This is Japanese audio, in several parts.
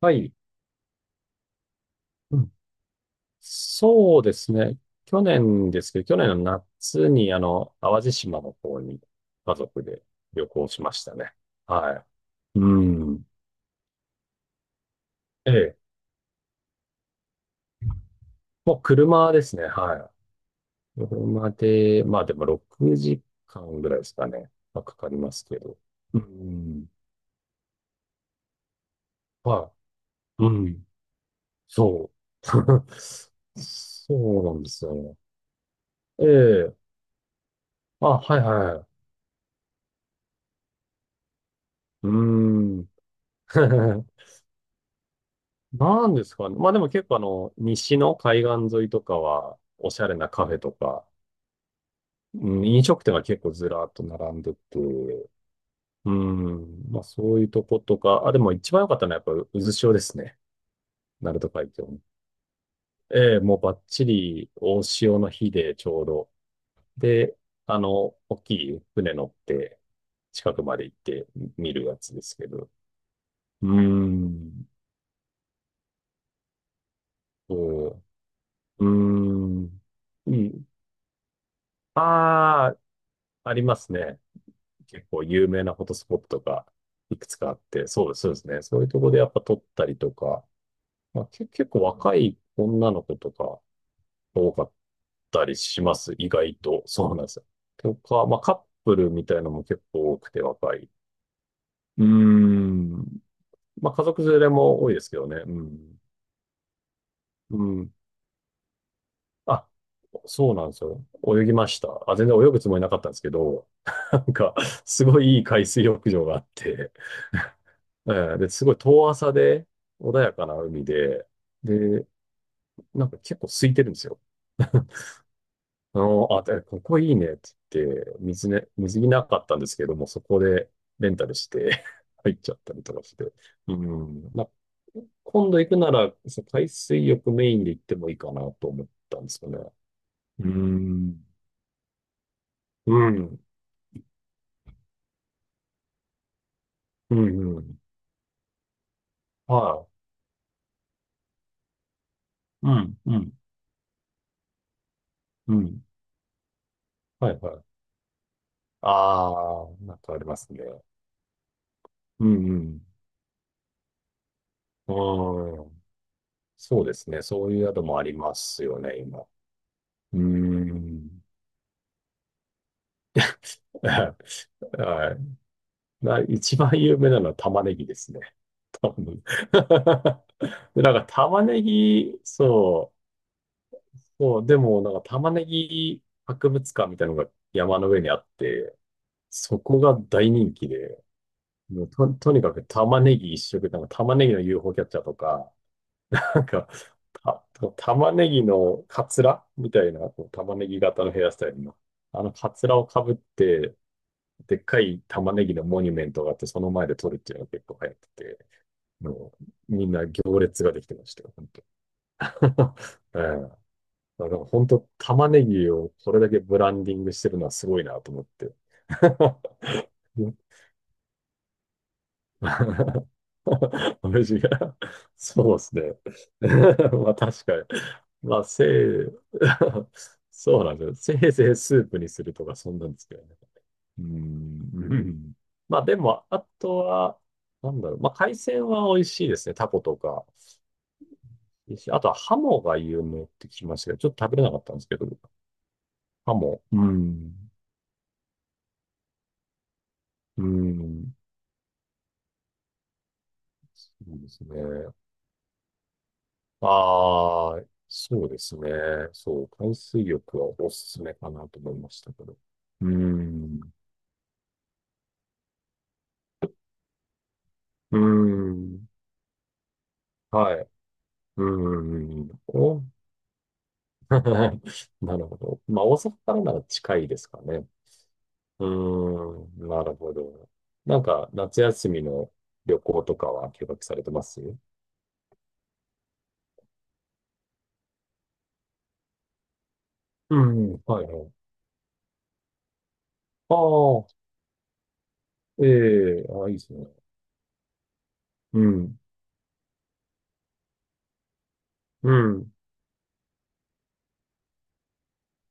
はい。うん。そうですね。去年ですけど、去年の夏に、淡路島の方に家族で旅行しましたね。はい。うん。ええ。もう車ですね。はい。車で、まあでも6時間ぐらいですかね。まあかかりますけど。うん。はい。うん。そう。そうなんですよね。ええ。あ、はいはい。うん。なんですかね。まあでも結構西の海岸沿いとかは、おしゃれなカフェとか、うん、飲食店が結構ずらっと並んでて、うん、まあそういうとことか、あ、でも一番良かったのはやっぱ渦潮ですね。鳴門海峡の。ええ、もうバッチリ大潮の日でちょうど。で、大きい船乗って近くまで行って見るやつですけど。うーん、そう、うーん、うん。ああ、ありますね。結構有名なフォトスポットがいくつかあって、そうです、そうですね。そういうところでやっぱ撮ったりとか、まあ、結構若い女の子とか多かったりします。意外と。そうなんですよ。とか、まあカップルみたいなのも結構多くて若い。うーん。まあ家族連れも多いですけどね。うん。うん。あ、そうなんですよ。泳ぎました。あ、全然泳ぐつもりなかったんですけど、なんか、すごいいい海水浴場があって、ええで、すごい遠浅で、穏やかな海で、で、なんか結構空いてるんですよ。あ、でここいいねって言って、水ね、水着なかったんですけども、そこでレンタルして 入っちゃったりとかして。うん。まあ、今度行くなら、そう海水浴メインで行ってもいいかなと思ったんですよね。うん。うん。うん。うん。はい。うん。うん。うん。はい。はい。ああ、なんかありますね。うん。うん。あん。そうですね。そういう宿もありますよね、今。うーん。はいな一番有名なのは玉ねぎですね。多分 でなんか玉ねぎ、そう、そう、でもなんか玉ねぎ博物館みたいなのが山の上にあって、そこが大人気で、もうとにかく玉ねぎ一色、なんか玉ねぎの UFO キャッチャーとか、なんか、玉ねぎのカツラみたいな、こう玉ねぎ型のヘアスタイルの、あのカツラをかぶって、でっかい玉ねぎのモニュメントがあって、その前で撮るっていうのが結構流行ってて、もう、みんな行列ができてましたよ、本当。ええだから本当、玉ねぎをこれだけブランディングしてるのはすごいなと思って。無事が、そうですね。まあ確かに。まあ、そうなんですよ。せいぜいスープにするとか、そんなんですけどね。うーん。うんまあでも、あとは、なんだろう。まあ海鮮は美味しいですね。タコとか。いいしあとはハモが有名って聞きましたけど、ちょっと食べれなかったんですけど、ハモ。うん。うん。そうですね。ああ、そうですね。そう、海水浴はおすすめかなと思いましたけど。うーん、うーん、はい、うーん、お なるほど。まあ、大阪からなら近いですかね。うーん、なるほど。なんか、夏休みの旅行とかは計画されてます？うん、はいはい。ああ、ええああ、いいですね。うん、うん、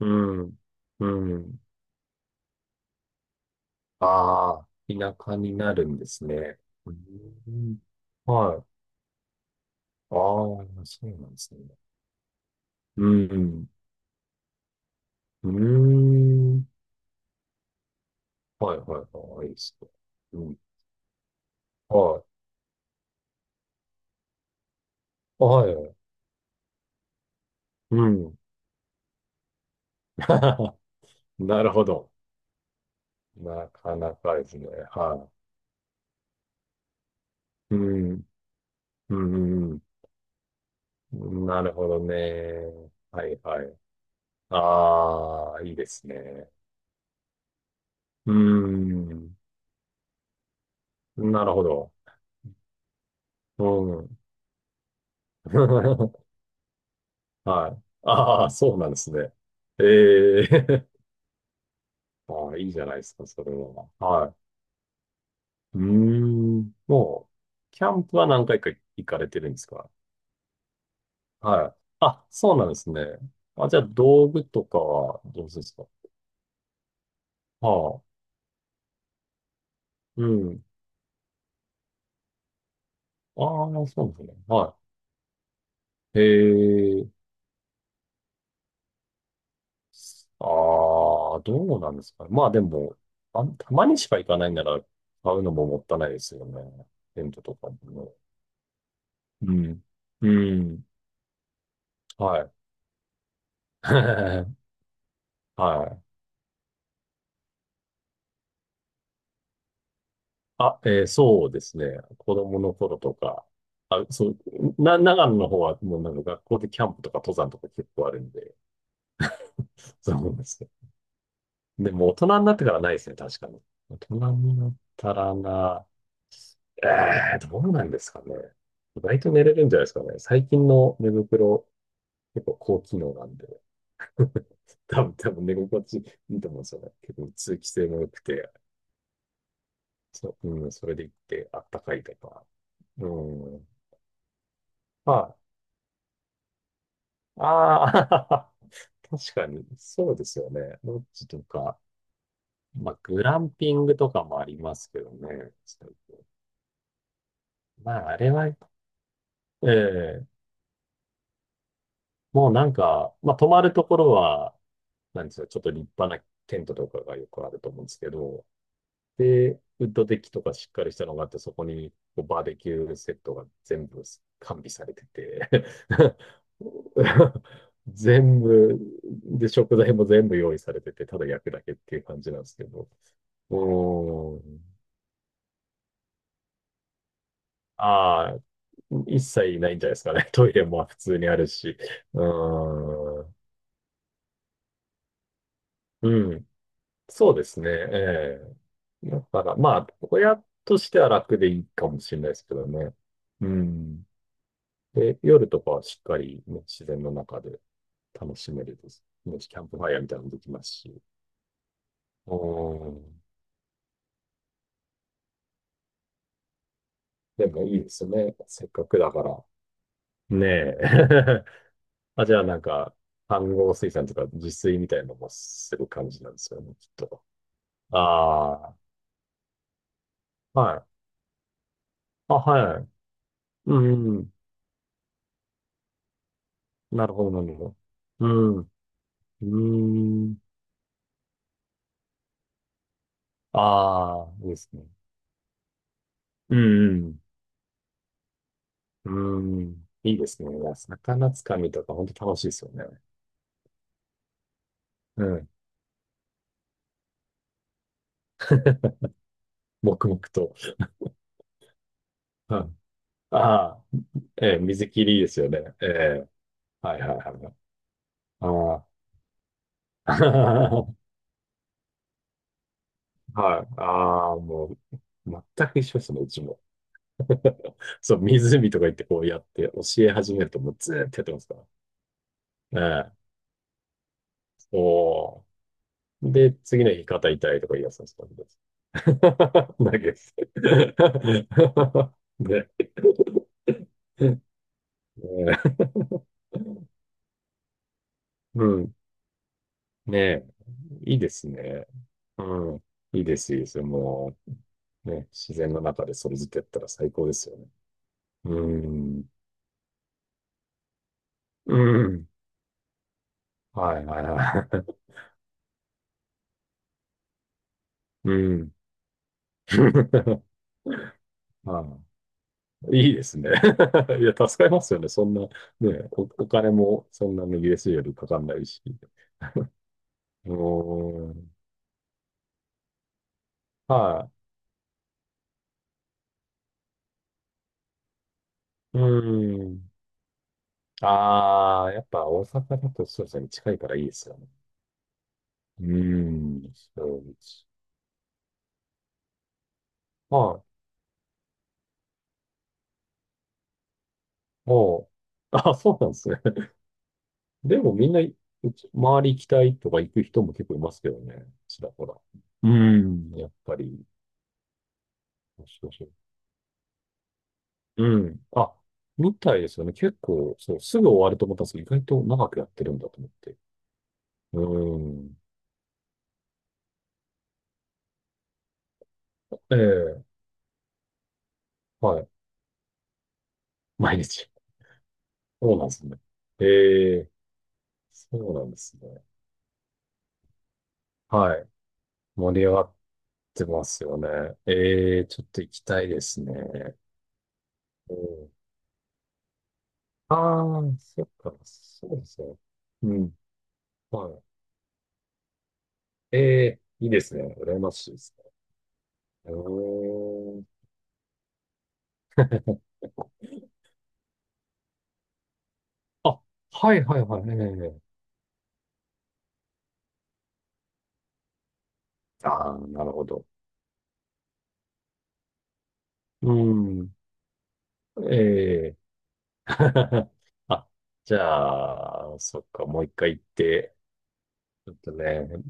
うん、うん。ああ、田舎になるんですね。うーん、はい。ああ、そうなんですね。うん、うん。うーん。はいはいはい。いいっすね。うん。はい。はい。うん。なるほど。なかなかですね。はい。うん。うん。うんなるほどね。はいはい。ああ、いいですね。うん。なるほど。うん。はい。ああ、そうなんですね。ええ ああ、いいじゃないですか、それは。はい。うーん。もう、キャンプは何回か行かれてるんですか？はい。あ、そうなんですね。あ、じゃあ、道具とかはどうですか？はあ。うん。ああ、そうですね。はい。へえ。ああ、どうなんですかねまあでも、あ、たまにしか行かないなら、買うのももったいないですよね。テントとかもね。うん。うん。はい。はい。あ、えーそうですね。子供の頃とか。あ、そう、長野の方はもうなんか学校でキャンプとか登山とか結構あるんで、そうですね。でも大人になってからないですね、確かに。大人になったらな、えー、どうなんですかね。意外と寝れるんじゃないですかね。最近の寝袋、結構高機能なんで。多分、多分寝心地いいと思うんですよね。結構通気性も良くて、そう、うん、それでいってあったかいとか。うん。まあ、ああ、確かに、そうですよね。ロッジとか、まあ、グランピングとかもありますけどね。最近まあ、あれは、ええもうなんか、まあ、泊まるところは、なんですか、ちょっと立派なテントとかがよくあると思うんですけど、で、ウッドデッキとかしっかりしたのがあって、そこにこうバーベキューセットが全部完備されてて、全部、で、食材も全部用意されてて、ただ焼くだけっていう感じなんですけど、うん。ああ、一切ないんじゃないですかね。トイレも普通にあるし。うん。うん。そうですね。ええ。だから、まあ、親としては楽でいいかもしれないですけどね。うん。で、夜とかはしっかり、ね、自然の中で楽しめるです。もしキャンプファイヤーみたいなのもできますし。うん。でもいいですね。せっかくだから。ねえ。あ、じゃあなんか、飯合水産とか自炊みたいなのもする感じなんですよね、きっと。ああ、はい。あ、はい。うん。うんなるほど、なるほど。うん。うん。ああ、いいですね。うん。うん。うんいいですね。いや魚つかみとか本当楽しいですよね。うん。黙々と。うん。ああ、ええ、水切りいいですよね。ええ、はいはいはい。ああ。はい。ああ、もう、全く一緒ですね、うちも。そう、湖とか行ってこうやって教え始めるともうずーっとやってますから。ええ。おー。で、次の日肩痛いとか言い出すんですか？ 投げです。ね。ねうん。ねえ。いいですね。うん。いいです、いいです。もう、ね、自然の中でそれずっとやったら最高ですよね。うん。うん。はい、はい、はい。うん。ああ、いいですね。いや、助かりますよね。そんな、ね、お金もそんなに USJ よりかかんないし。うーん。はい。うーん。ああ、やっぱ大阪だとそうですね。近いからいいですよね。うーん。そうです。はい。もう、あ、そうなんですね。でもみんな、うち周り行きたいとか行く人も結構いますけどね。ちらほら。うーん。やっぱり。うん。あ、みたいですよね。結構、そう、すぐ終わると思ったんですけど、意外と長くやってるんだと思って。うん。ええ、はい。毎日。そうなんですね。ええ、そうなんですね。はい。盛り上がってますよね。ええ、ちょっと行きたいですね。うん。ああ、そっか、そうですね。うん。はい。ええ、いいですね。羨ましいですね。うーん。あ、はいはいはい。ええ。ああ、なるほど。うん。ええ あ、じゃあ、そっか、もう一回行って、ちょっとね、っ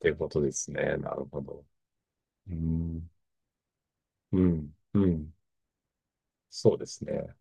てことですね。なるほど。うん、うん、うん。そうですね。